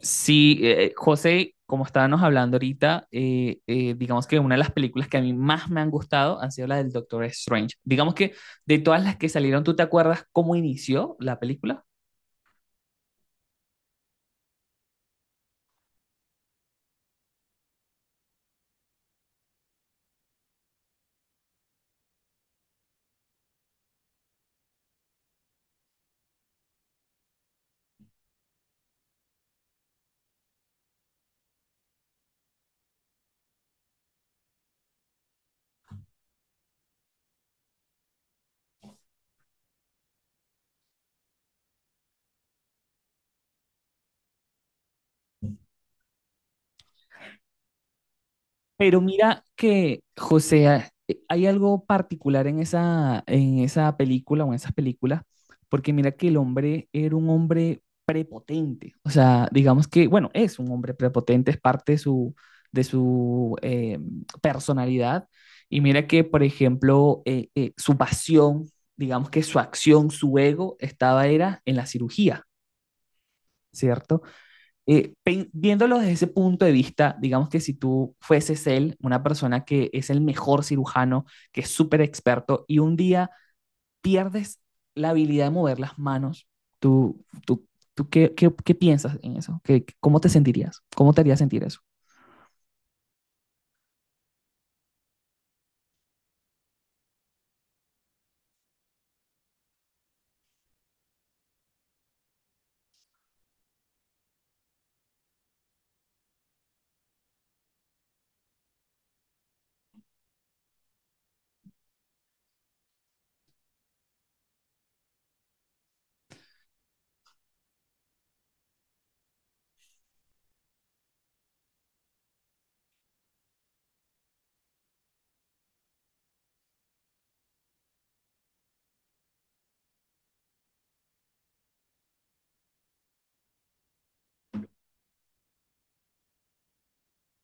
Sí, José, como estábamos hablando ahorita, digamos que una de las películas que a mí más me han gustado han sido las del Doctor Strange. Digamos que de todas las que salieron, ¿tú te acuerdas cómo inició la película? Pero mira que, José, hay algo particular en esa película o en esas películas, porque mira que el hombre era un hombre prepotente. O sea, digamos que, bueno, es un hombre prepotente, es parte de su personalidad. Y mira que, por ejemplo, su pasión, digamos que su acción, su ego, estaba era en la cirugía, ¿cierto? Viéndolo desde ese punto de vista, digamos que si tú fueses él, una persona que es el mejor cirujano, que es súper experto, y un día pierdes la habilidad de mover las manos, ¿tú, tú, tú qué piensas en eso? ¿Cómo te sentirías? ¿Cómo te haría sentir eso?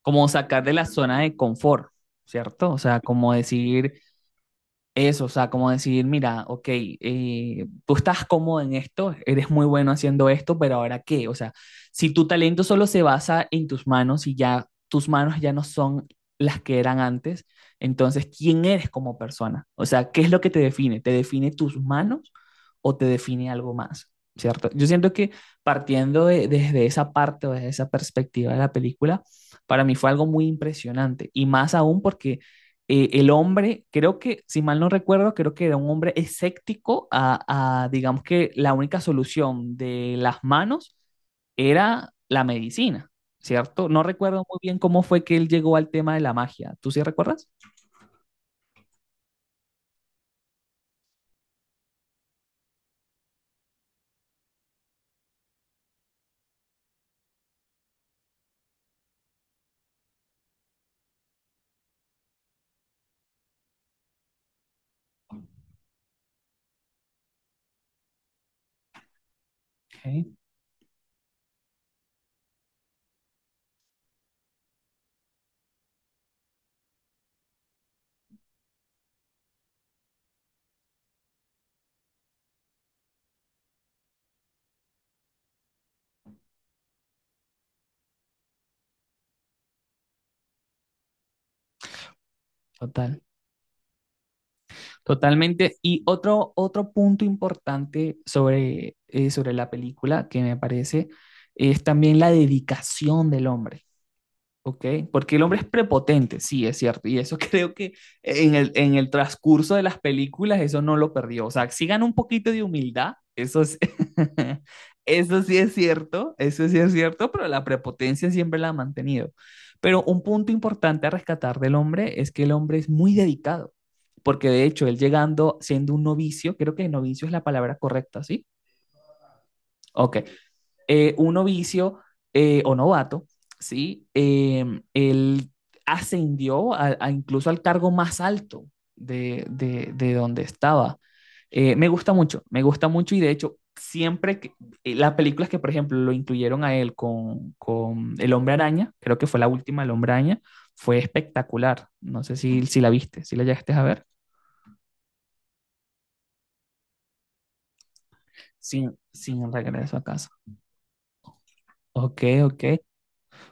Como sacar de la zona de confort, ¿cierto? O sea, como decir, eso, o sea, como decir, mira, ok, tú estás cómodo en esto, eres muy bueno haciendo esto, ¿pero ahora qué? O sea, si tu talento solo se basa en tus manos y ya tus manos ya no son las que eran antes, entonces, ¿quién eres como persona? O sea, ¿qué es lo que te define? ¿Te define tus manos o te define algo más? ¿Cierto? Yo siento que desde esa parte o desde esa perspectiva de la película, para mí fue algo muy impresionante y más aún porque el hombre, creo que, si mal no recuerdo, creo que era un hombre escéptico a, digamos que la única solución de las manos era la medicina, ¿cierto? No recuerdo muy bien cómo fue que él llegó al tema de la magia. ¿Tú sí recuerdas? Ok, total, totalmente. Y otro, otro punto importante sobre, sobre la película que me parece es también la dedicación del hombre. Ok, porque el hombre es prepotente, sí, es cierto, y eso creo que en el transcurso de las películas eso no lo perdió, o sea, si gana un poquito de humildad, eso es- eso sí es cierto, eso sí es cierto, pero la prepotencia siempre la ha mantenido. Pero un punto importante a rescatar del hombre es que el hombre es muy dedicado, porque de hecho él llegando siendo un novicio, creo que novicio es la palabra correcta, ¿sí? Ok, un novicio o novato, ¿sí? Él ascendió a incluso al cargo más alto de donde estaba. Me gusta mucho, me gusta mucho y de hecho siempre que, las películas que por ejemplo lo incluyeron a él con El Hombre Araña, creo que fue la última El Hombre Araña, fue espectacular. No sé si, si la viste, si la llegaste a ver. Sin, sin regreso a casa. Ok, ok.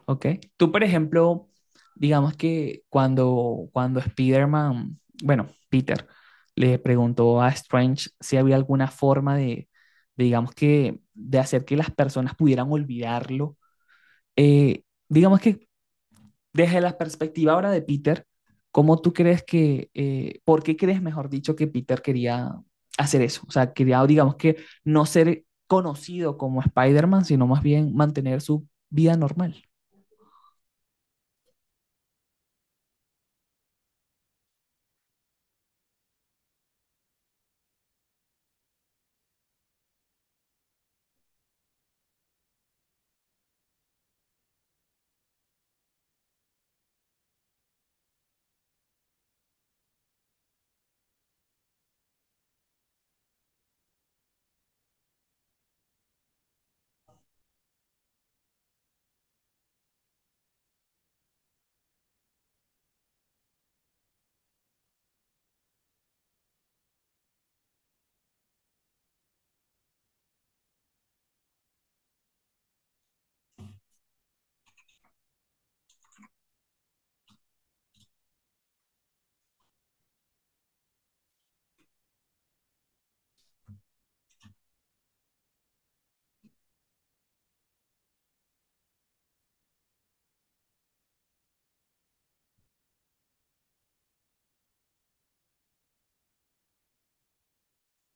Ok. Tú, por ejemplo, digamos que cuando, cuando Spider-Man, bueno, Peter, le preguntó a Strange si había alguna forma de, digamos que, de hacer que las personas pudieran olvidarlo. eh, digamos que desde la perspectiva ahora de Peter, ¿cómo tú crees que, por qué crees, mejor dicho, que Peter quería hacer eso? O sea, quería, digamos que, no ser conocido como Spider-Man, sino más bien mantener su vida normal.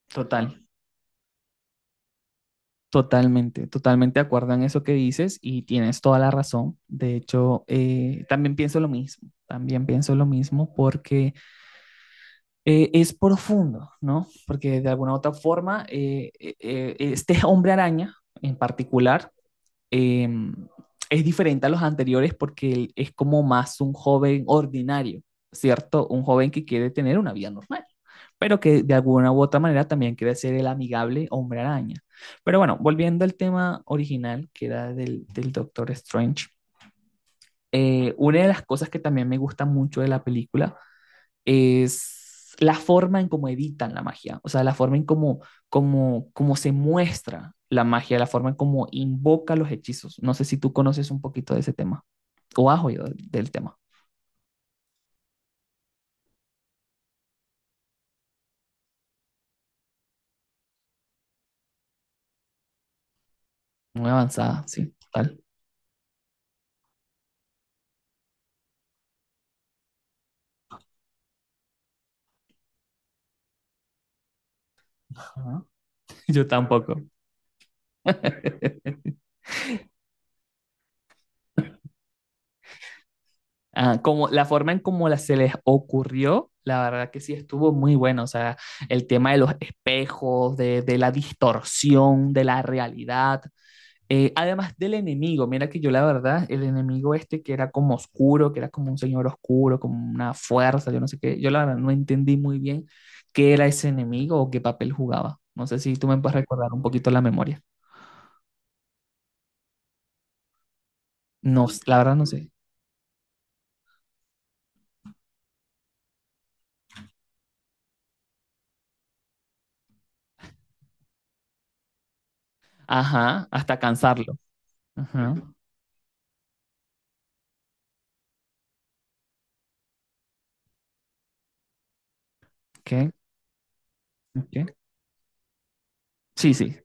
Total. Totalmente, totalmente de acuerdo en eso que dices y tienes toda la razón. De hecho, también pienso lo mismo, también pienso lo mismo porque es profundo, ¿no? Porque de alguna u otra forma, este hombre araña en particular, eh, es diferente a los anteriores porque él es como más un joven ordinario, ¿cierto? Un joven que quiere tener una vida normal, pero que de alguna u otra manera también quiere ser el amigable hombre araña. Pero bueno, volviendo al tema original, que era del, del Doctor Strange, una de las cosas que también me gusta mucho de la película es la forma en cómo editan la magia, o sea, la forma en cómo, cómo, cómo se muestra la magia, la forma en cómo invoca los hechizos. No sé si tú conoces un poquito de ese tema o has oído del tema. Muy avanzada, sí, tal. Ajá. Yo tampoco. Ah, como la forma en cómo la, se les ocurrió, la verdad que sí estuvo muy bueno. O sea, el tema de los espejos, de la distorsión de la realidad, además del enemigo, mira que yo la verdad, el enemigo este que era como oscuro, que era como un señor oscuro, como una fuerza, yo no sé qué, yo la verdad no entendí muy bien qué era ese enemigo o qué papel jugaba. No sé si tú me puedes recordar un poquito la memoria. No, la verdad no sé. Ajá, hasta cansarlo. Ajá, ok, ok. Sí, sí,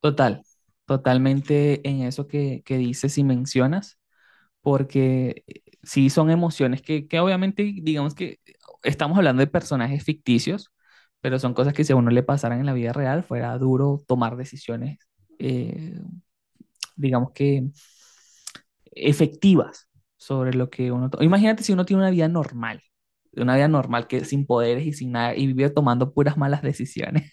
total, totalmente en eso que dices y mencionas. Porque sí son emociones que obviamente, digamos que estamos hablando de personajes ficticios, pero son cosas que si a uno le pasaran en la vida real, fuera duro tomar decisiones, eh, digamos que efectivas sobre lo que Imagínate si uno tiene una vida normal que sin poderes y sin nada, y vive tomando puras malas decisiones.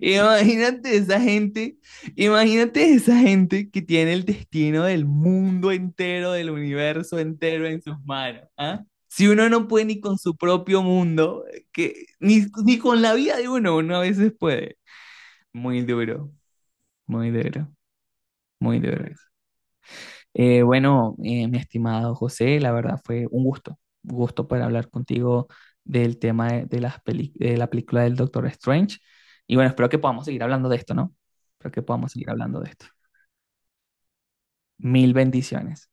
Imagínate esa gente, imagínate esa gente que tiene el destino del mundo entero, del universo entero en sus manos, ¿ah? Si uno no puede ni con su propio mundo, que, ni con la vida de uno, uno a veces puede. Muy duro, muy duro, muy duro. Bueno, mi estimado José, la verdad fue un gusto poder hablar contigo del tema de las de la película del Doctor Strange. Y bueno, espero que podamos seguir hablando de esto, ¿no? Espero que podamos seguir hablando de esto. Mil bendiciones.